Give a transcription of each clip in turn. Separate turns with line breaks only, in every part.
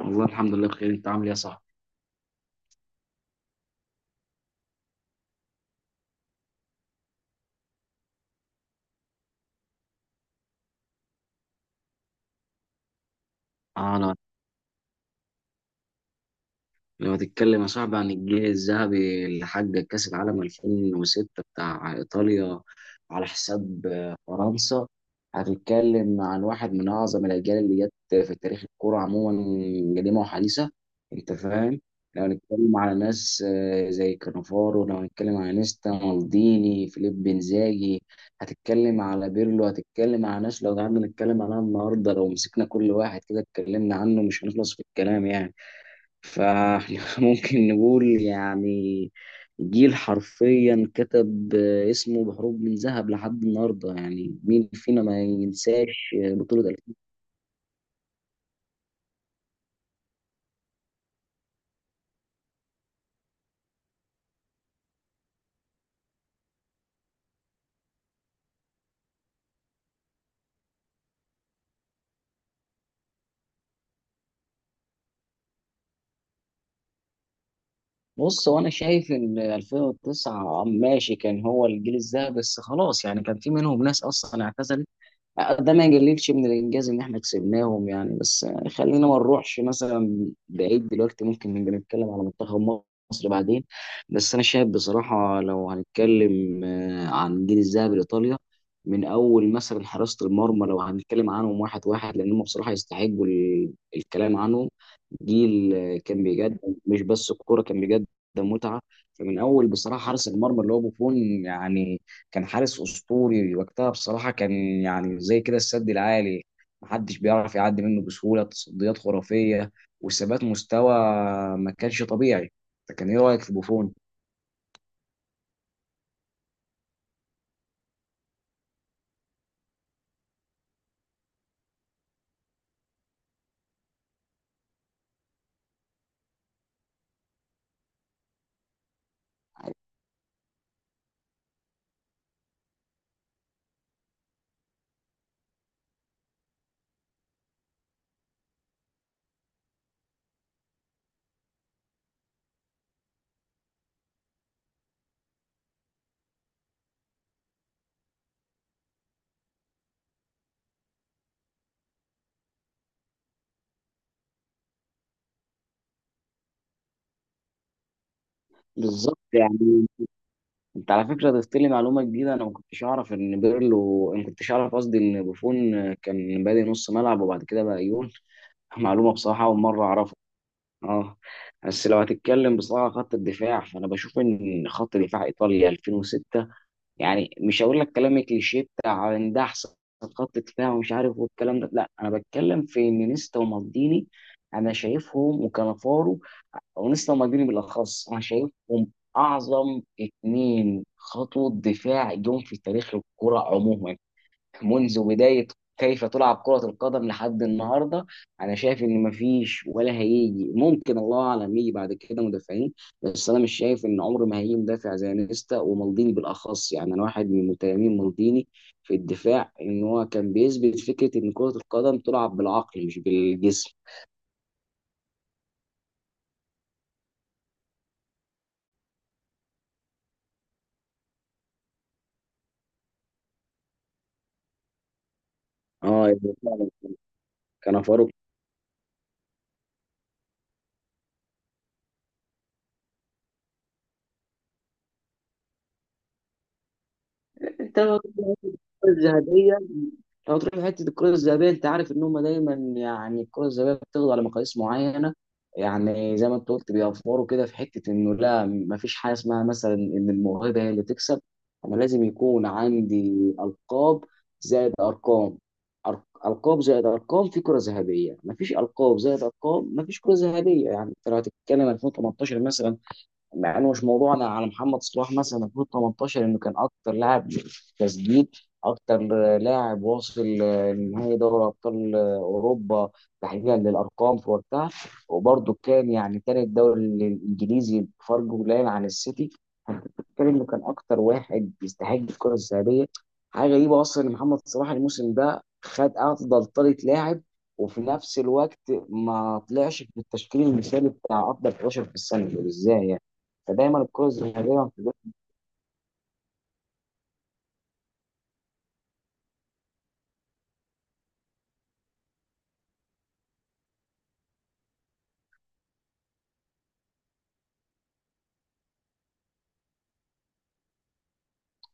والله الحمد لله بخير، انت عامل ايه يا صاحبي؟ انا لو هتتكلم يا صاحبي عن الجيل الذهبي اللي حقق كأس العالم 2006 بتاع إيطاليا على حساب فرنسا، هتتكلم عن واحد من أعظم الأجيال اللي جت في تاريخ الكرة عموما، قديمة وحديثة. أنت فاهم؟ لو هنتكلم على ناس زي كانافارو، لو هنتكلم على نيستا مالديني فيليب بنزاجي، هتتكلم على بيرلو، هتتكلم على ناس لو قعدنا نتكلم عنها النهاردة، لو مسكنا كل واحد كده اتكلمنا عنه مش هنخلص في الكلام يعني. فاحنا ممكن نقول يعني جيل حرفيا كتب اسمه بحروف من ذهب لحد النهارده. يعني مين فينا ما ينساش بطولة 2000. بص، هو انا شايف ان 2009 ماشي، كان هو الجيل الذهبي، بس خلاص، يعني كان في منهم ناس اصلا اعتزلت. ده ما يقللش من الانجاز ان احنا كسبناهم يعني، بس خلينا ما نروحش مثلا بعيد، دلوقتي ممكن نبقى نتكلم على منتخب مصر بعدين. بس انا شايف بصراحه، لو هنتكلم عن جيل الذهب لايطاليا، من اول مثلا حراسه المرمى، لو هنتكلم عنهم واحد واحد، لان هم بصراحه يستحقوا ال- الكلام عنهم. جيل كان بيقدم مش بس الكوره، كان بيقدم متعه. فمن اول بصراحه حارس المرمى اللي هو بوفون، يعني كان حارس اسطوري وقتها بصراحه، كان يعني زي كده السد العالي، محدش بيعرف يعدي منه بسهوله، تصديات خرافيه وثبات مستوى ما كانش طبيعي. فكان ايه رايك في بوفون؟ بالظبط يعني. انت على فكره ضفت لي معلومه جديده، انا ما كنتش اعرف، قصدي ان بوفون كان بادئ نص ملعب وبعد كده بقى يقول. معلومه بصراحه اول مره اعرفها. اه، بس لو هتتكلم بصراحه خط الدفاع، فانا بشوف ان خط دفاع ايطاليا 2006، يعني مش هقول لك كلام كليشيه بتاع ان ده احسن خط دفاع ومش عارف والكلام ده، لا انا بتكلم في ان نيستا ومالديني انا شايفهم، وكانافارو او نيستا ومالديني بالاخص انا شايفهم اعظم اتنين خطوة دفاع جم في تاريخ الكرة عموما، منذ بداية كيف تلعب كرة القدم لحد النهاردة. أنا شايف إن مفيش ولا هيجي، ممكن الله أعلم يجي بعد كده مدافعين، بس أنا مش شايف إن عمر ما هيجي مدافع زي نيستا ومالديني بالأخص. يعني أنا واحد من متيمين مالديني في الدفاع، إن هو كان بيثبت فكرة إن كرة القدم تلعب بالعقل مش بالجسم. اه يعني فعلا. كان فاروق. انت لو هتروح لحتة الكرة الذهبية لو هتروح لحتة الكرة الذهبية، انت عارف ان هم دايما، يعني الكرة الذهبية بتاخد على مقاييس معينة. يعني زي ما انت قلت بيوفروا كده في حتة انه، لا مفيش حاجة اسمها مثلا ان الموهبة هي اللي تكسب. انا لازم يكون عندي القاب زائد ارقام، القاب زائد ارقام في كرة ذهبية. مفيش القاب زائد ارقام مفيش كرة ذهبية. يعني انت لو هتتكلم 2018 مثلا، مع انه مش موضوعنا، على محمد صلاح مثلا 2018، انه كان اكتر لاعب تسديد، اكتر لاعب واصل لنهائي دوري ابطال اوروبا تحديدا للارقام في وقتها، وبرضه كان يعني تالت دوري الانجليزي بفرق قليل عن السيتي. فأنت بتتكلم انه كان اكتر واحد يستحق الكره الذهبيه. حاجه غريبه اصلا ان محمد صلاح الموسم ده خد افضل طريقه لاعب، وفي نفس الوقت ما طلعش في التشكيل المثالي بتاع افضل 11 في السنه. ازاي يعني؟ فدايما الكرة الذهبية ما بتبقاش.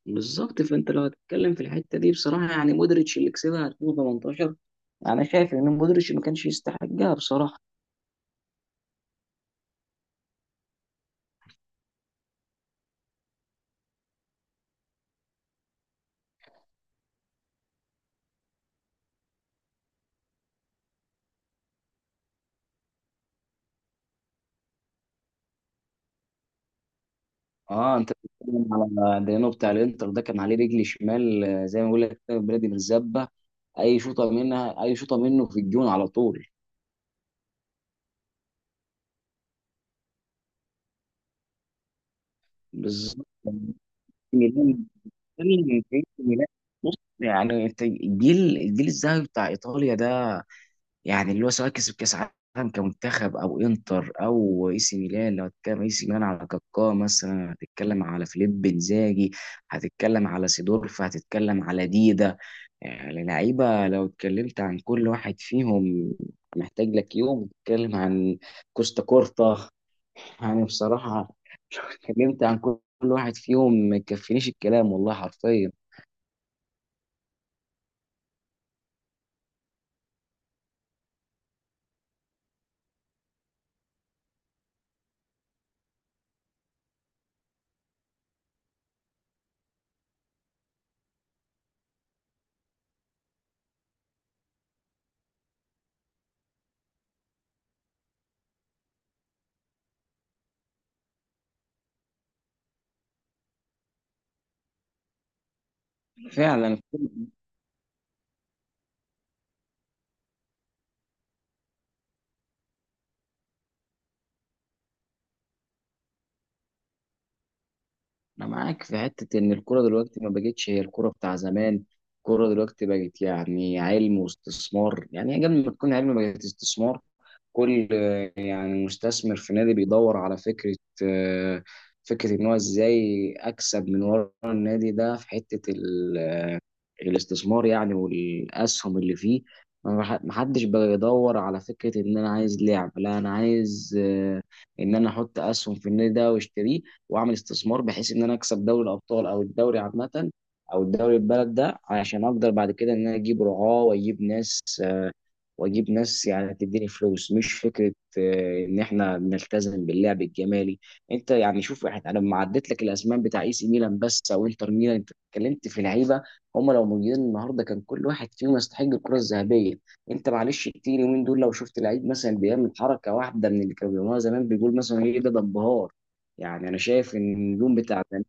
بالظبط. فانت لو هتتكلم في الحته دي بصراحه، يعني مودريتش اللي كسبها 2018، انا شايف ان مودريتش ما كانش يستحقها بصراحه. اه انت بتتكلم على ديانو بتاع الانتر، ده كان عليه رجل شمال زي ما بقول لك كده، بلادي بالزبه. اي شوطه منها اي شوطه منه في الجون على طول. بالظبط. ميلان، ميلان، ميلان. بص، يعني الجيل الذهبي بتاع ايطاليا ده، يعني اللي هو سواء كسب كاس عالم كمنتخب او انتر او اي سي ميلان. لو هتتكلم اي سي ميلان على كاكا مثلا، هتتكلم على فيليب انزاجي، هتتكلم على سيدورف، هتتكلم على ديدا. يعني لعيبه لو اتكلمت عن كل واحد فيهم، محتاج لك يوم اتكلم عن كوستا كورتا. يعني بصراحه لو اتكلمت عن كل واحد فيهم ما يكفينيش الكلام والله حرفيا. فعلا. انا معاك في حته ان الكوره دلوقتي ما بقتش هي الكوره بتاع زمان. الكوره دلوقتي بقت يعني علم واستثمار، يعني قبل ما تكون علم بقت استثمار. كل يعني مستثمر في نادي بيدور على فكره، آه، فكره ان هو ازاي اكسب من ورا النادي ده، في حته الاستثمار يعني والاسهم اللي فيه. ما حدش بقى يدور على فكره ان انا عايز لعب، لا انا عايز ان انا احط اسهم في النادي ده واشتريه، واعمل استثمار بحيث ان انا اكسب دوري الابطال او الدوري عامه او الدوري البلد ده، عشان اقدر بعد كده ان انا اجيب رعاه واجيب ناس واجيب ناس، يعني تديني فلوس، مش فكره ان احنا نلتزم باللعب الجمالي. انت يعني شوف احنا، انا لما عديت لك الاسماء بتاع اي سي ميلان بس او انتر ميلان، انت اتكلمت في لعيبه هم لو موجودين النهارده كان كل واحد فيهم يستحق الكره الذهبيه. انت معلش كتير اليومين دول لو شفت لعيب مثلا بيعمل حركه واحده من اللي كانوا بيعملوها زمان، بيقول مثلا ايه ده انبهار. يعني انا شايف ان النجوم بتاع زمان.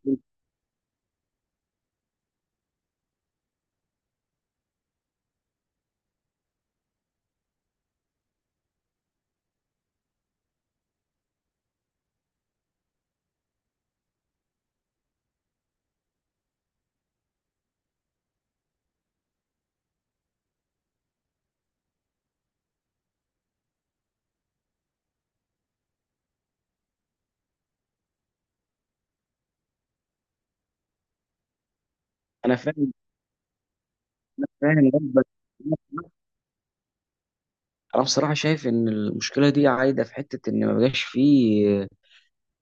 انا فاهم، انا فاهم قصدك. انا بصراحه شايف ان المشكله دي عايده في حته ان ما بقاش فيه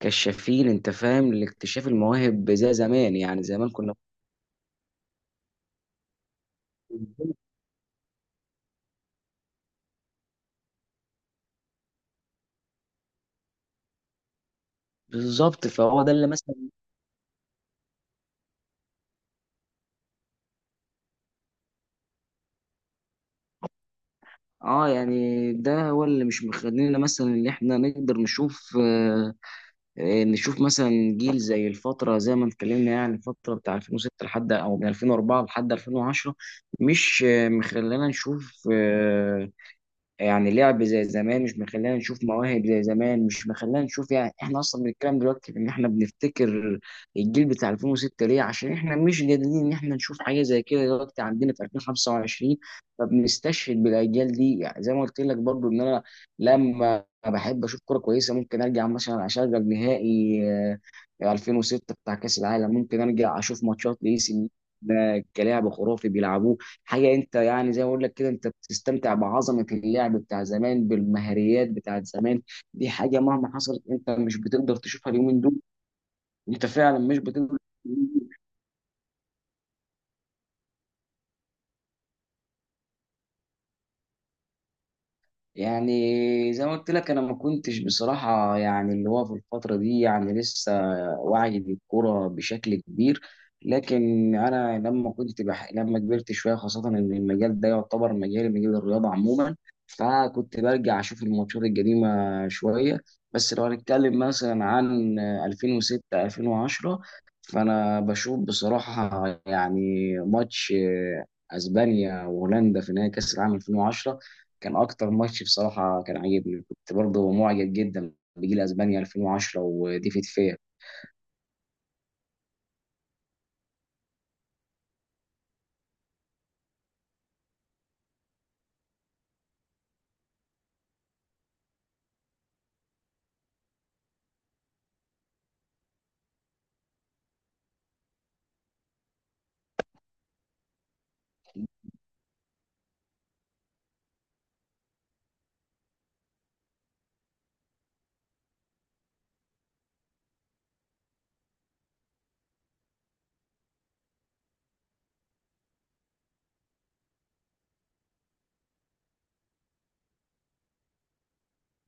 كشافين، انت فاهم، لاكتشاف المواهب زي زمان، يعني زمان كنا. بالظبط. فهو ده اللي مثلا. اه، يعني ده هو اللي مش مخلينا مثلا اللي احنا نقدر نشوف آه، نشوف مثلا جيل زي الفتره، زي ما اتكلمنا يعني الفتره بتاع 2006 لحد او من 2004 لحد 2010، مش مخلينا نشوف يعني لعب زي زمان، مش مخلينا نشوف مواهب زي زمان، مش مخلينا نشوف. يعني احنا اصلا بنتكلم دلوقتي ان احنا بنفتكر الجيل بتاع 2006 ليه؟ عشان احنا مش قادرين ان احنا نشوف حاجه زي كده دلوقتي عندنا في 2025، فبنستشهد بالاجيال دي. يعني زي ما قلت لك برضو ان انا لما بحب اشوف كوره كويسه، ممكن ارجع مثلا اشغل نهائي 2006 بتاع كاس العالم، ممكن ارجع اشوف ماتشات لاي سي ميلان. ده كلاعب خرافي بيلعبوه. حاجه، انت يعني زي ما بقول لك كده، انت بتستمتع بعظمه اللعب بتاع زمان بالمهاريات بتاعت زمان. دي حاجه مهما حصلت انت مش بتقدر تشوفها اليومين دول. انت فعلا مش بتقدر. يعني زي ما قلت لك انا ما كنتش بصراحه يعني اللي هو في الفتره دي، يعني لسه واعي بالكوره بشكل كبير. لكن انا لما كنت لما كبرت شويه، خاصه ان المجال ده يعتبر مجالي، مجال الرياضه عموما، فكنت برجع اشوف الماتشات القديمه شويه. بس لو هنتكلم مثلا عن 2006 2010، فانا بشوف بصراحه يعني ماتش اسبانيا وهولندا في نهائي كاس العالم 2010 كان اكتر ماتش بصراحه كان عاجبني. كنت برضه معجب جدا بجيل اسبانيا 2010 وديفيد فيا.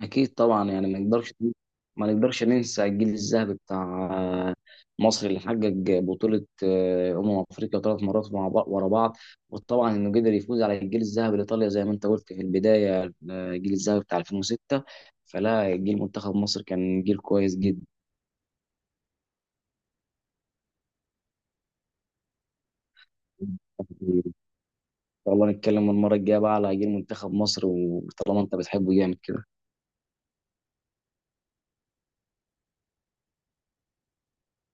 اكيد طبعا. يعني ما نقدرش ننسى الجيل الذهبي بتاع مصر، اللي حقق بطوله افريقيا 3 مرات مع بعض ورا بعض، وطبعا انه قدر يفوز على الجيل الذهبي لايطاليا زي ما انت قلت في البدايه، الجيل الذهبي بتاع 2006. فلا، جيل منتخب مصر كان جيل كويس جدا. ان شاء الله نتكلم المره الجايه بقى على جيل منتخب مصر، وطالما انت بتحبه جامد كده.